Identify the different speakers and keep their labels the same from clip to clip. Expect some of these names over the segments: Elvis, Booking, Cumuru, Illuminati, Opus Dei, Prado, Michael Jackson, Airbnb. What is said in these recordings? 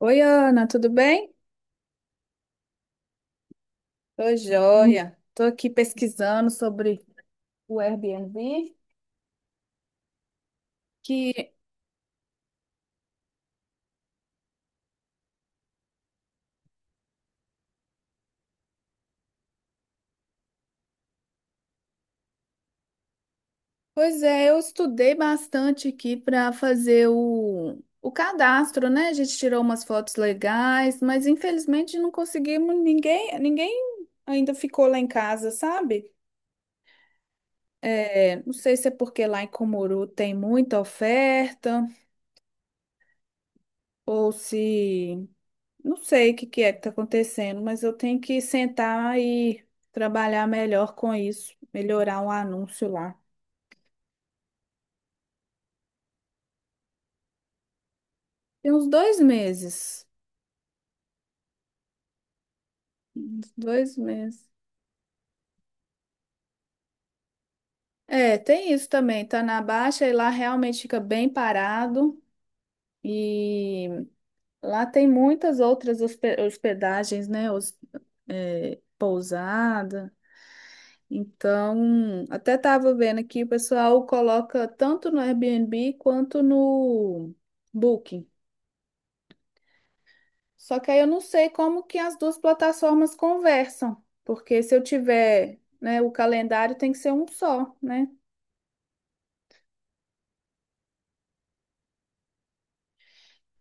Speaker 1: Oi, Ana, tudo bem? Tô joia. Tô aqui pesquisando sobre o Airbnb, que, pois é, eu estudei bastante aqui para fazer o cadastro, né? A gente tirou umas fotos legais, mas infelizmente não conseguimos ninguém. Ninguém ainda ficou lá em casa, sabe? É, não sei se é porque lá em Cumuru tem muita oferta, ou se não sei o que que é que está acontecendo, mas eu tenho que sentar e trabalhar melhor com isso, melhorar um anúncio lá. Tem uns 2 meses. Uns 2 meses. É, tem isso também. Tá na baixa e lá realmente fica bem parado. E lá tem muitas outras hospedagens, né? Os, pousada. Então, até tava vendo aqui, o pessoal coloca tanto no Airbnb quanto no Booking. Só que aí eu não sei como que as duas plataformas conversam, porque se eu tiver, né, o calendário tem que ser um só, né?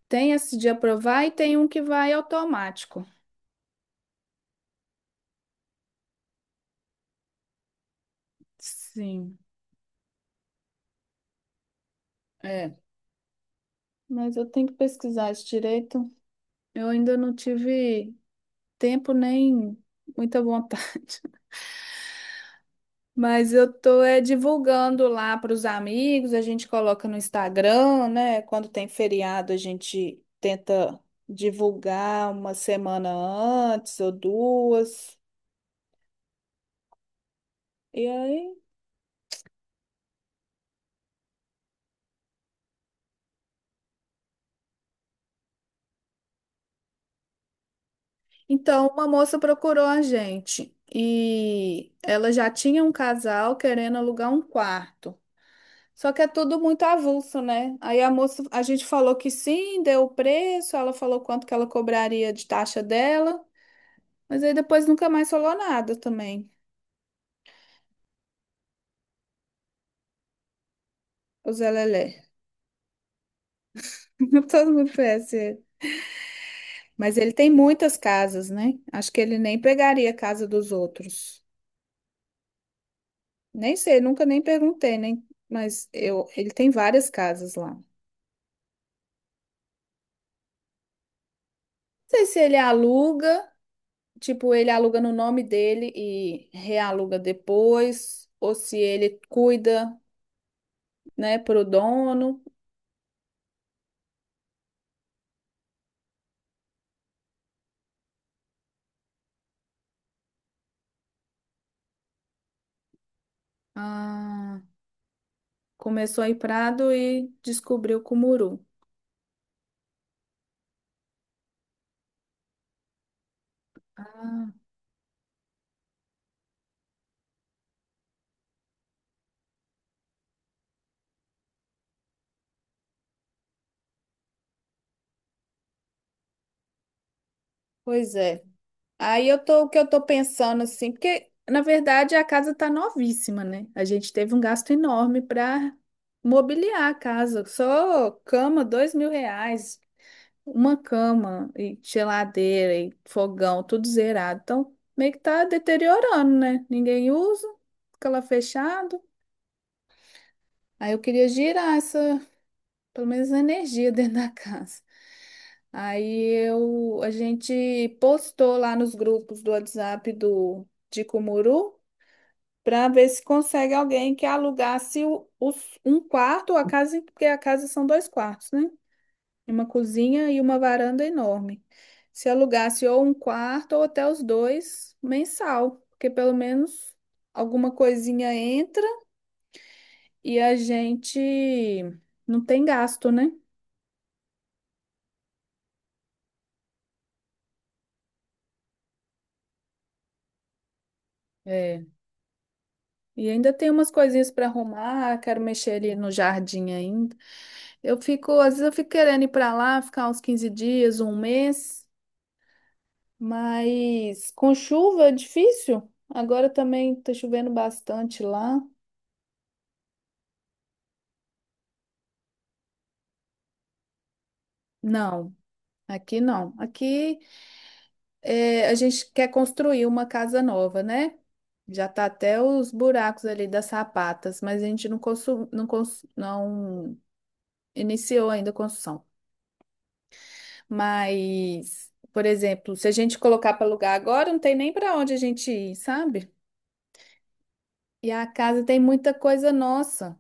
Speaker 1: Tem esse de aprovar e tem um que vai automático. Sim, é. Mas eu tenho que pesquisar isso direito. Eu ainda não tive tempo nem muita vontade. Mas eu tô divulgando lá para os amigos, a gente coloca no Instagram, né? Quando tem feriado, a gente tenta divulgar uma semana antes ou duas. E aí? Então, uma moça procurou a gente e ela já tinha um casal querendo alugar um quarto. Só que é tudo muito avulso, né? Aí a moça, a gente falou que sim, deu o preço, ela falou quanto que ela cobraria de taxa dela. Mas aí depois nunca mais falou nada também, o Zé Lelé. Todo mundo conhece ele. Mas ele tem muitas casas, né? Acho que ele nem pegaria a casa dos outros. Nem sei, nunca nem perguntei, nem, mas eu, ele tem várias casas lá. Não sei se ele aluga, tipo, ele aluga no nome dele e realuga depois, ou se ele cuida, né, pro dono. Ah, começou em Prado e descobriu Cumuru. Ah, pois é. Aí eu tô, o que eu tô pensando assim, porque na verdade a casa tá novíssima, né? A gente teve um gasto enorme para mobiliar a casa, só cama, R$ 2.000, uma cama e geladeira e fogão, tudo zerado. Então meio que tá deteriorando, né? Ninguém usa, fica lá fechado. Aí eu queria girar essa pelo menos energia dentro da casa. Aí eu, a gente postou lá nos grupos do WhatsApp do de Cumuru para ver se consegue alguém que alugasse um quarto, a casa, porque a casa são dois quartos, né? Uma cozinha e uma varanda enorme. Se alugasse ou um quarto ou até os dois mensal, porque pelo menos alguma coisinha entra e a gente não tem gasto, né? É. E ainda tem umas coisinhas para arrumar, quero mexer ali no jardim ainda. Eu fico, às vezes eu fico querendo ir para lá, ficar uns 15 dias, um mês, mas com chuva é difícil. Agora também tá chovendo bastante lá. Não, aqui não. Aqui a gente quer construir uma casa nova, né? Já tá até os buracos ali das sapatas, mas a gente não, não iniciou ainda a construção. Mas, por exemplo, se a gente colocar para alugar agora, não tem nem para onde a gente ir, sabe? E a casa tem muita coisa nossa.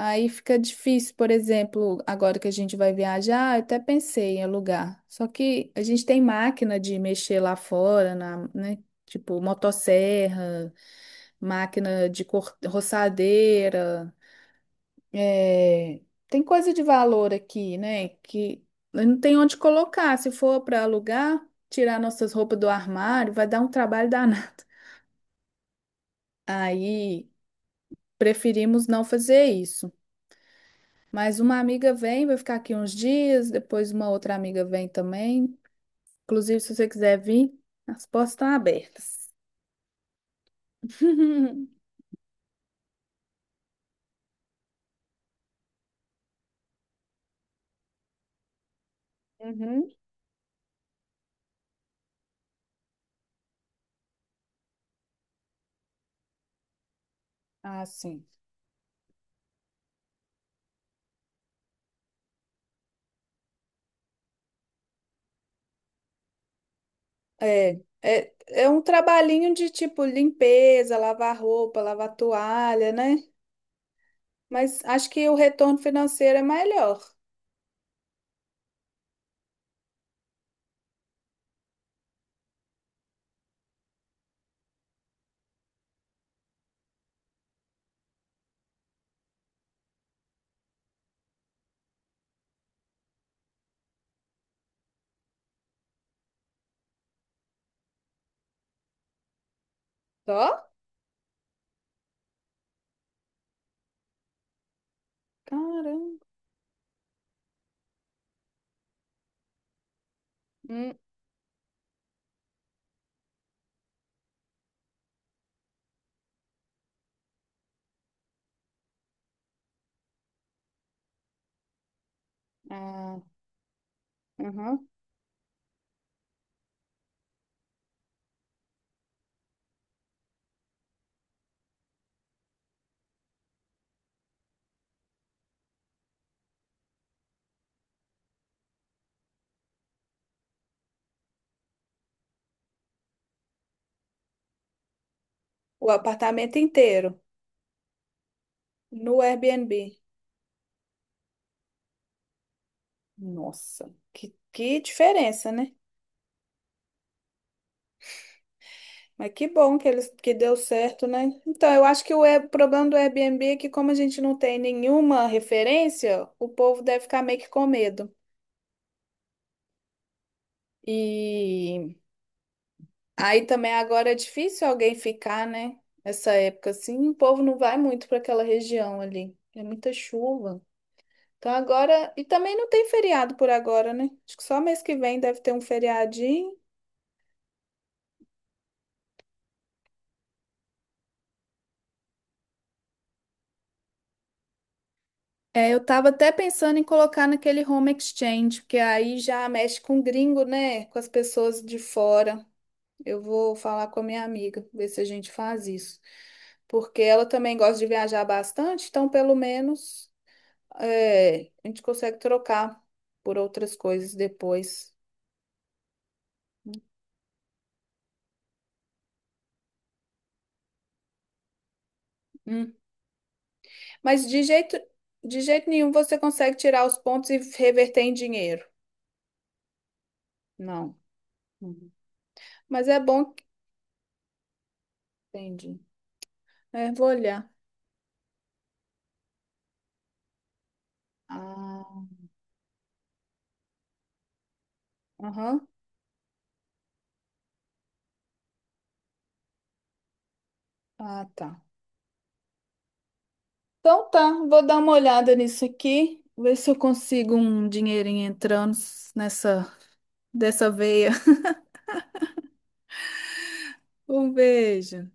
Speaker 1: Aí fica difícil, por exemplo, agora que a gente vai viajar, eu até pensei em alugar. Só que a gente tem máquina de mexer lá fora, na, né? Tipo, motosserra, máquina de roçadeira. É, tem coisa de valor aqui, né? Que não tem onde colocar. Se for para alugar, tirar nossas roupas do armário, vai dar um trabalho danado. Aí preferimos não fazer isso. Mas uma amiga vem, vai ficar aqui uns dias, depois uma outra amiga vem também. Inclusive, se você quiser vir, as portas estão abertas. Uhum. Ah, sim. É um trabalhinho de tipo limpeza, lavar roupa, lavar toalha, né? Mas acho que o retorno financeiro é melhor. Só? Caramba. Hum, ah, aham. O apartamento inteiro no Airbnb. Nossa, que diferença, né? Mas que bom que eles que deu certo, né? Então, eu acho que o problema do Airbnb é que como a gente não tem nenhuma referência, o povo deve ficar meio que com medo. E aí também agora é difícil alguém ficar, né? Essa época assim, o povo não vai muito para aquela região ali. É muita chuva. Então agora. E também não tem feriado por agora, né? Acho que só mês que vem deve ter um feriadinho. É, eu tava até pensando em colocar naquele home exchange, porque aí já mexe com gringo, né? Com as pessoas de fora. Eu vou falar com a minha amiga, ver se a gente faz isso. Porque ela também gosta de viajar bastante, então pelo menos a gente consegue trocar por outras coisas depois. Hum. Mas de jeito nenhum você consegue tirar os pontos e reverter em dinheiro. Não. Uhum. Mas é bom. Entendi. É, vou olhar. Ah, aham. Ah, tá. Então tá, vou dar uma olhada nisso aqui, ver se eu consigo um dinheirinho entrando nessa dessa veia. Um beijo.